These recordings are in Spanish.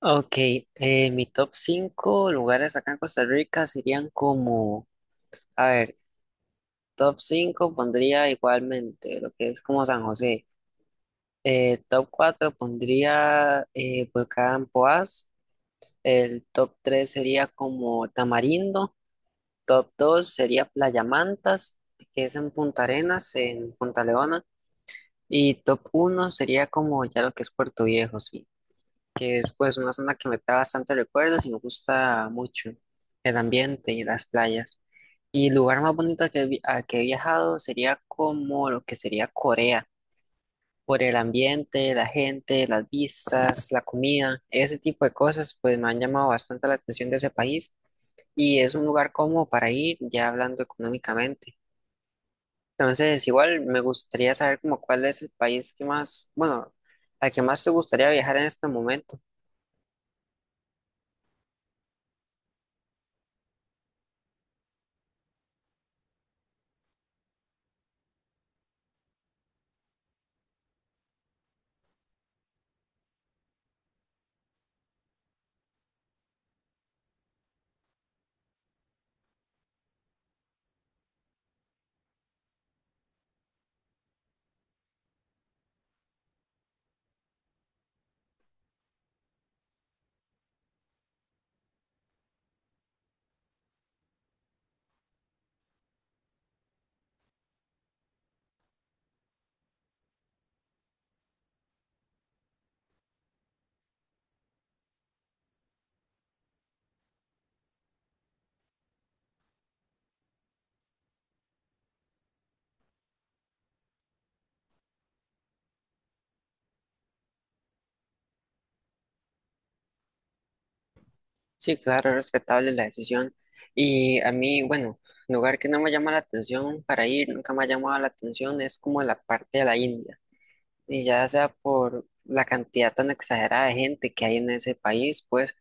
Ok, mi top 5 lugares acá en Costa Rica serían como, a ver, top 5 pondría igualmente lo que es como San José. Top 4 pondría Volcán Poás, el top 3 sería como Tamarindo, top 2 sería Playa Mantas, que es en Punta Arenas, en Punta Leona, y top uno sería como ya lo que es Puerto Viejo, sí. Que es pues una zona que me trae bastantes recuerdos y me gusta mucho el ambiente y las playas. Y el lugar más bonito al que he viajado sería como lo que sería Corea, por el ambiente, la gente, las vistas, la comida, ese tipo de cosas pues me han llamado bastante la atención de ese país y es un lugar como para ir ya hablando económicamente. Entonces, igual me gustaría saber como cuál es el país que más, bueno, al que más te gustaría viajar en este momento. Sí, claro, respetable la decisión. Y a mí, bueno, lugar que no me llama la atención para ir, nunca me ha llamado la atención, es como la parte de la India. Y ya sea por la cantidad tan exagerada de gente que hay en ese país, pues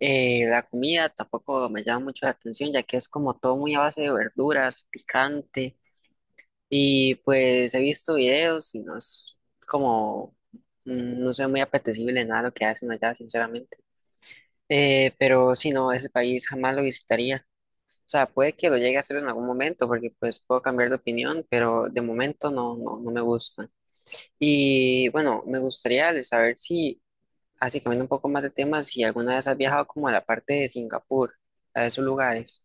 la comida tampoco me llama mucho la atención, ya que es como todo muy a base de verduras, picante. Y pues he visto videos y no es como, mm, no sé, muy apetecible nada lo que hacen allá, sinceramente. Pero si no, ese país jamás lo visitaría. O sea, puede que lo llegue a hacer en algún momento, porque pues puedo cambiar de opinión, pero de momento no, no, no me gusta. Y bueno, me gustaría de saber si, así cambiando un poco más de temas, si alguna vez has viajado como a la parte de Singapur, a esos lugares.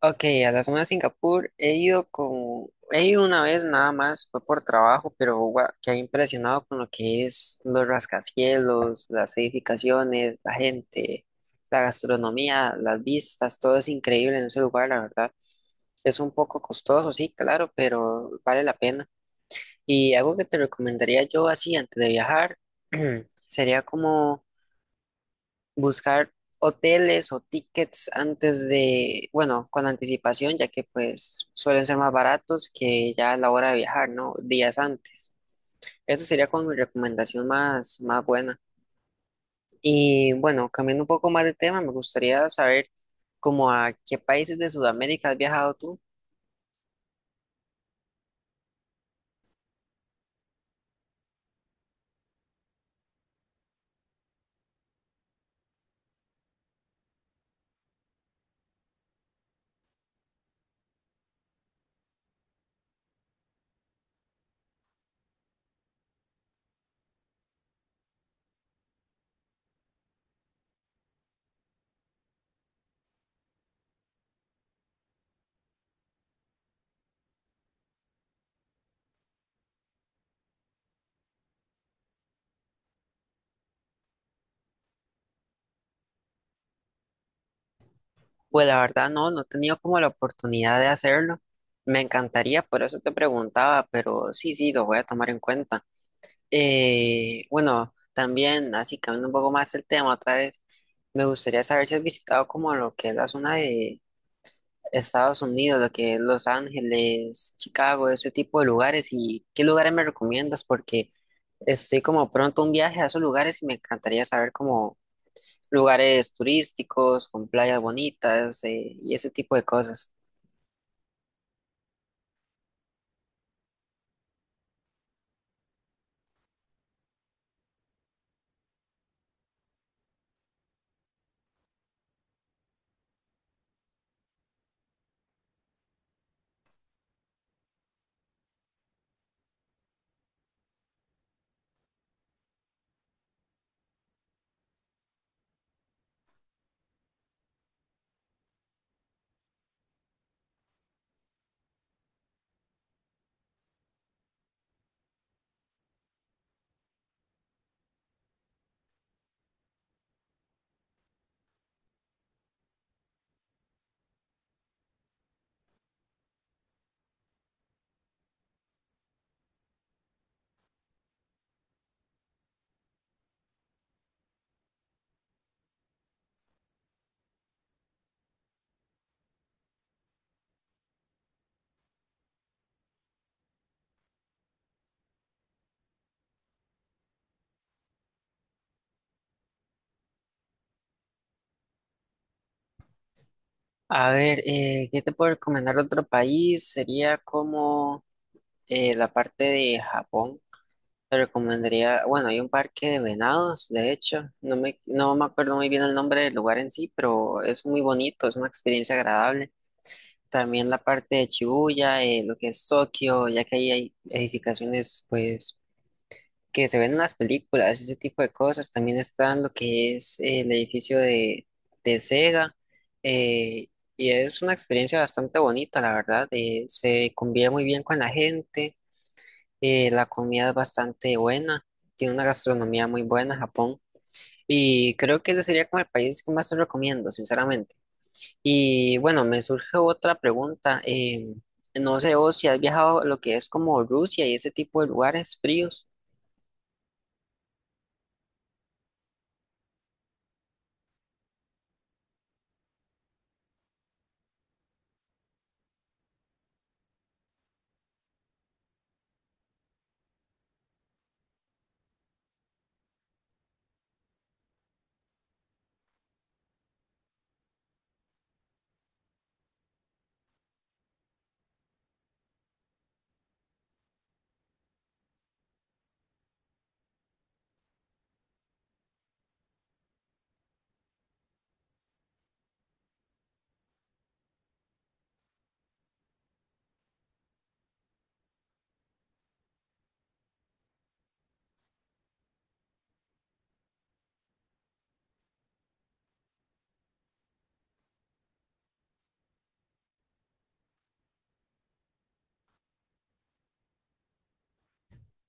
Ok, a la zona de Singapur he ido una vez nada más, fue por trabajo, pero gua- quedé impresionado con lo que es los rascacielos, las edificaciones, la gente, la gastronomía, las vistas, todo es increíble en ese lugar, la verdad. Es un poco costoso, sí, claro, pero vale la pena. Y algo que te recomendaría yo así antes de viajar sería como buscar hoteles o tickets antes de, bueno, con anticipación, ya que pues suelen ser más baratos que ya a la hora de viajar, ¿no? Días antes. Eso sería como mi recomendación más, más buena. Y bueno, cambiando un poco más de tema, me gustaría saber como a qué países de Sudamérica has viajado tú. Pues la verdad no, no he tenido como la oportunidad de hacerlo. Me encantaría, por eso te preguntaba, pero sí, sí, lo voy a tomar en cuenta. Bueno, también, así cambiando un poco más el tema otra vez, me gustaría saber si has visitado como lo que es la zona de Estados Unidos, lo que es Los Ángeles, Chicago, ese tipo de lugares y qué lugares me recomiendas porque estoy como pronto a un viaje a esos lugares y me encantaría saber como lugares turísticos, con playas bonitas, y ese tipo de cosas. A ver, ¿qué te puedo recomendar de otro país? Sería como la parte de Japón. Te recomendaría, bueno, hay un parque de venados, de hecho, no me acuerdo muy bien el nombre del lugar en sí, pero es muy bonito, es una experiencia agradable. También la parte de Shibuya, lo que es Tokio, ya que ahí hay edificaciones, pues, que se ven en las películas, ese tipo de cosas. También está lo que es el edificio de Sega, eh, y es una experiencia bastante bonita, la verdad, se convive muy bien con la gente. La comida es bastante buena, tiene una gastronomía muy buena, Japón, y creo que ese sería como el país que más te recomiendo, sinceramente. Y bueno, me surge otra pregunta. No sé vos si has viajado a lo que es como Rusia y ese tipo de lugares fríos.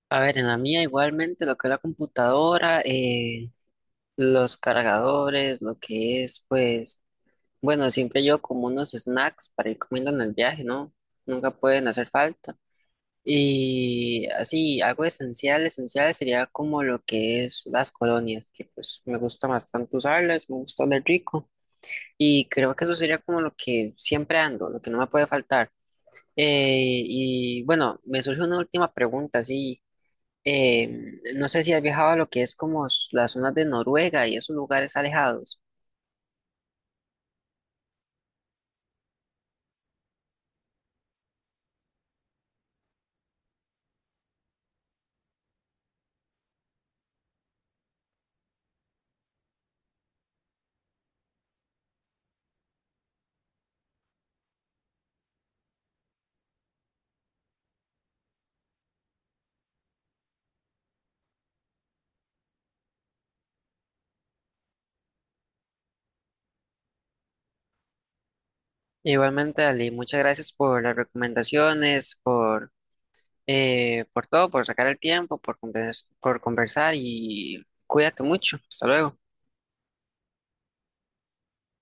A ver, en la mía igualmente lo que es la computadora, los cargadores, lo que es, pues, bueno, siempre yo como unos snacks para ir comiendo en el viaje, ¿no? Nunca pueden hacer falta. Y así, algo esencial, esencial sería como lo que es las colonias, que pues me gusta bastante usarlas, me gusta oler rico. Y creo que eso sería como lo que siempre ando, lo que no me puede faltar. Y bueno, me surge una última pregunta, así, no sé si has viajado a lo que es como s- las zonas de Noruega y esos lugares alejados. Igualmente, Ali, muchas gracias por las recomendaciones, por todo, por sacar el tiempo, por conversar y cuídate mucho. Hasta luego.